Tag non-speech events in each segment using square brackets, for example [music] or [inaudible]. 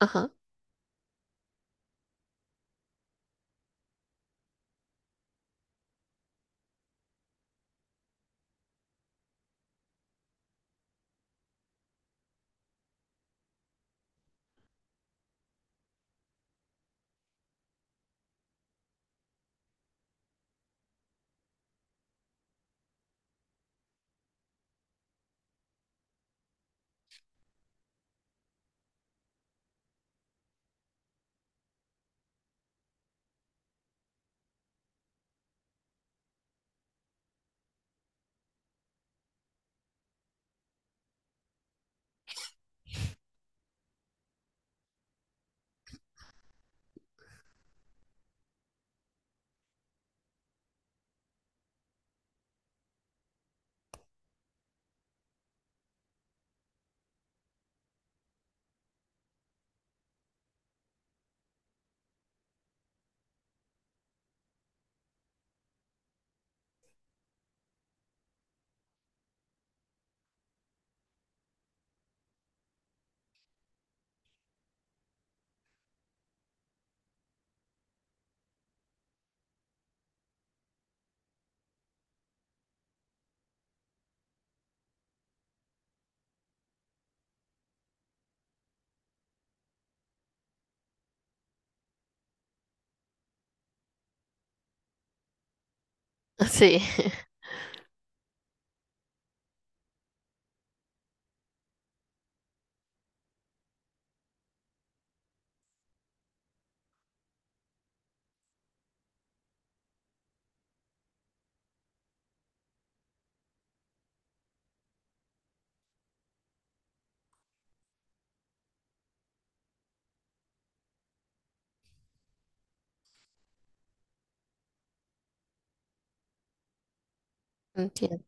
Ajá, sí, [laughs] entiendo.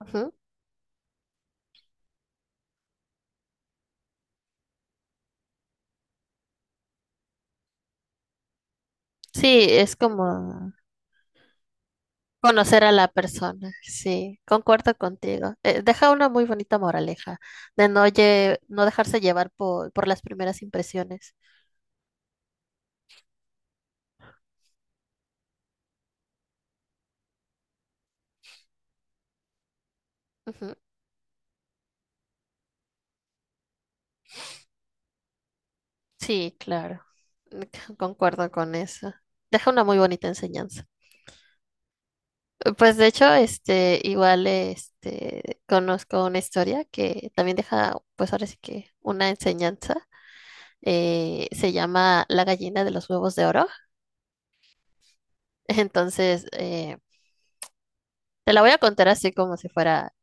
Ujú. Sí, es como conocer a la persona, sí, concuerdo contigo. Deja una muy bonita moraleja de no dejarse llevar por las primeras impresiones. Ujú. Sí, claro, [laughs] Mm, concuerdo con eso. Deja una muy bonita enseñanza. Pues de hecho, este, igual, este, conozco una historia que también deja, pues ahora sí que una enseñanza. Se llama La gallina de los huevos de oro. [laughs] Entonces, te la voy a contar así como si fuera,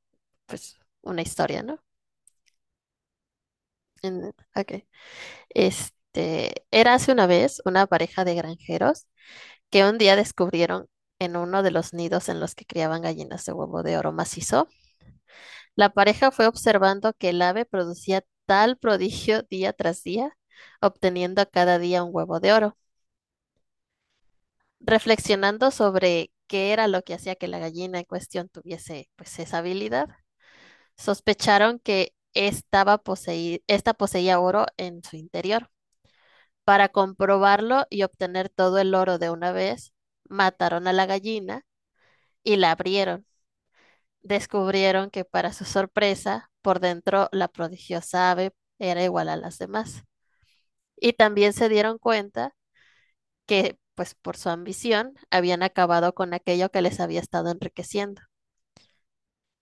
pues, una historia, ¿no? En- ok. Este, era hace una vez una pareja de granjeros que un día descubrieron en uno de los nidos en los que criaban gallinas de huevo de oro macizo. La pareja fue observando que el ave producía tal prodigio día tras día, obteniendo cada día un huevo de oro. Reflexionando sobre qué era lo que hacía que la gallina en cuestión tuviese, pues, esa habilidad. Sospecharon que esta poseía oro en su interior. Para comprobarlo y obtener todo el oro de una vez, mataron a la gallina y la abrieron. Descubrieron que, para su sorpresa, por dentro la prodigiosa ave era igual a las demás. Y también se dieron cuenta que, pues por su ambición, habían acabado con aquello que les había estado enriqueciendo.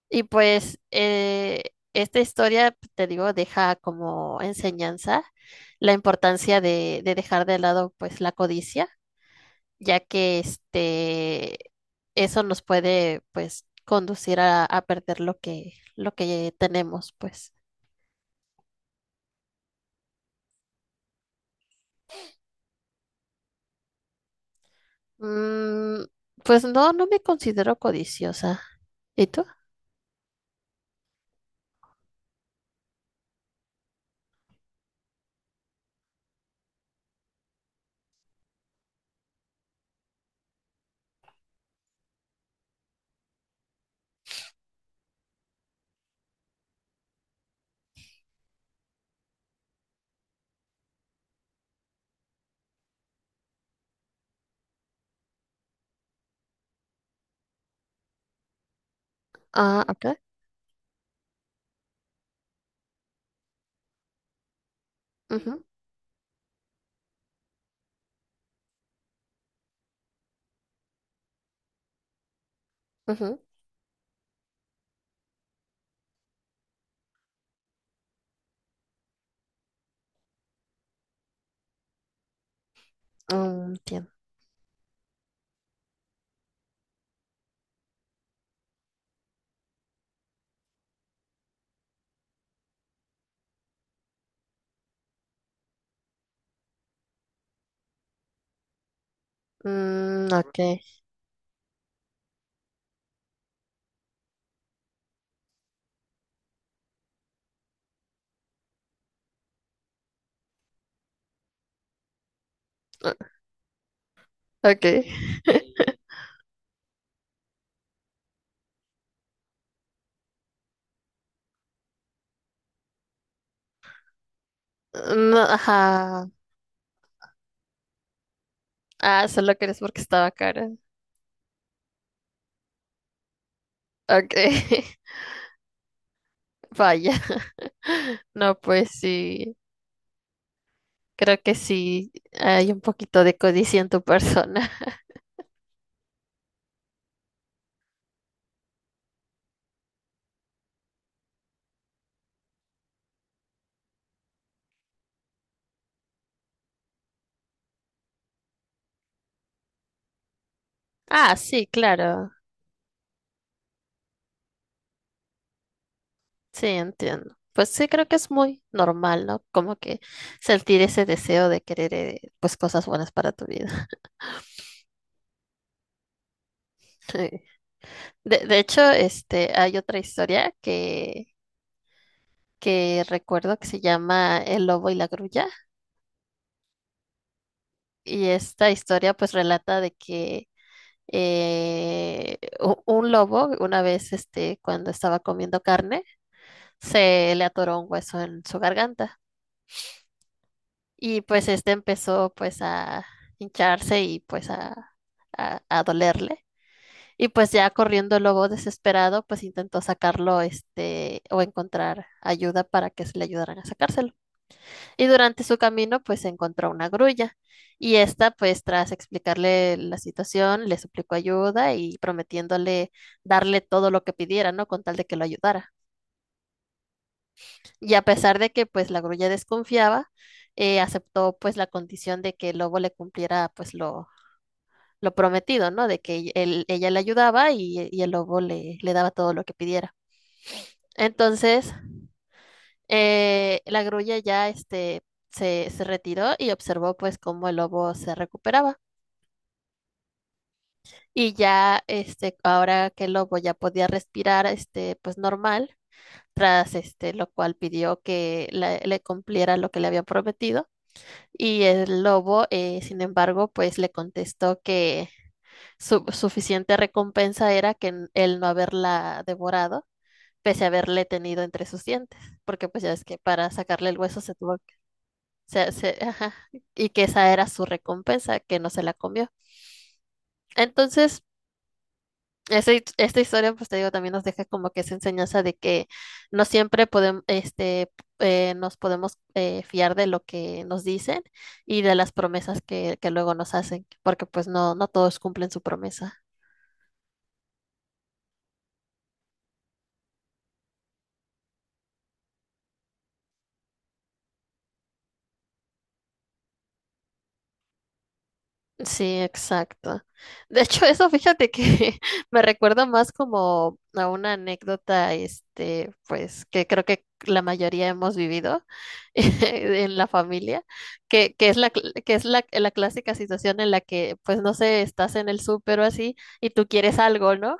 Y pues, esta historia, te digo, deja como enseñanza la importancia de dejar de lado pues la codicia, ya que este eso nos puede pues conducir a perder lo que tenemos, pues. Mm, pues no, no me considero codiciosa. ¿Y tú? Ah, ok. Ujú, ujú. Mm, entiendo. Mm, ok. Ah, ok. No, ajá. Ah, solo crees porque estaba cara. Ok, [laughs] vaya. [laughs] No, pues sí, creo que sí hay un poquito de codicia en tu persona. [laughs] Ah, sí, claro, sí, entiendo. Pues sí, creo que es muy normal, ¿no? Como que sentir ese deseo de querer, pues, cosas buenas para tu vida. [laughs] Sí. De hecho, este, hay otra historia que recuerdo que se llama El lobo y la grulla. Y esta historia, pues, relata de que un lobo, una vez, este, cuando estaba comiendo carne, se le atoró un hueso en su garganta y pues este empezó pues a hincharse y pues a dolerle. Y pues ya corriendo el lobo desesperado, pues intentó sacarlo, este, o encontrar ayuda para que se le ayudaran a sacárselo. Y durante su camino, pues encontró una grulla. Y esta, pues tras explicarle la situación, le suplicó ayuda y prometiéndole darle todo lo que pidiera, ¿no? Con tal de que lo ayudara. Y a pesar de que, pues, la grulla desconfiaba, aceptó, pues, la condición de que el lobo le cumpliera, pues, lo prometido, ¿no? De que ella le ayudaba y el lobo le daba todo lo que pidiera. Entonces, la grulla ya, este, se retiró y observó, pues, cómo el lobo se recuperaba. Y ya, este, ahora que el lobo ya podía respirar, este, pues normal, tras este, lo cual pidió que le cumpliera lo que le había prometido. Y el lobo, sin embargo, pues le contestó que su suficiente recompensa era que el no haberla devorado, pese a haberle tenido entre sus dientes, porque pues ya es que para sacarle el hueso se tuvo que, ajá, y que esa era su recompensa, que no se la comió. Entonces, esta, esta historia, pues te digo, también nos deja como que esa enseñanza de que no siempre podemos, este, nos podemos fiar de lo que nos dicen y de las promesas que luego nos hacen, porque pues no, no todos cumplen su promesa. Sí, exacto. De hecho, eso fíjate que [laughs] me recuerda más como a una anécdota, este, pues, que creo que la mayoría hemos vivido [laughs] en la familia, que es que es la, la clásica situación en la que, pues, no sé, estás en el súper o así y tú quieres algo, ¿no?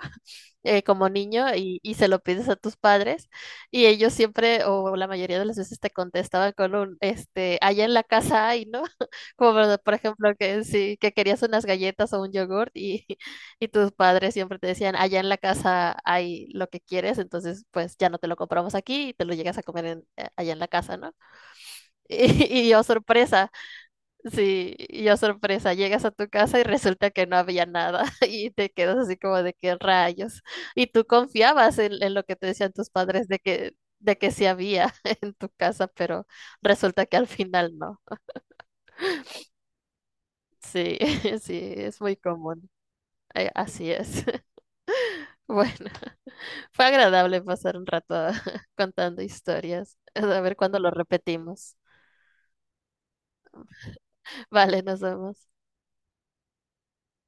Como niño y se lo pides a tus padres, y ellos siempre o la mayoría de las veces te contestaban con un, este, allá en la casa hay, ¿no? [laughs] Como por ejemplo que sí, que querías unas galletas o un yogurt y, [laughs] y tus padres siempre te decían, allá en la casa hay lo que quieres, entonces pues ya no te lo compramos aquí y te lo llegas a comer allá en la casa, ¿no? [laughs] Y, y yo, sorpresa. Sí, y yo sorpresa, llegas a tu casa y resulta que no había nada [laughs] y te quedas así como de qué rayos. Y tú confiabas en lo que te decían tus padres de que sí había [laughs] en tu casa, pero resulta que al final no. Sí, [laughs] sí, es muy común. Así es. [laughs] Bueno, fue agradable pasar un rato [laughs] contando historias. A ver cuándo lo repetimos. Vale, nos vemos.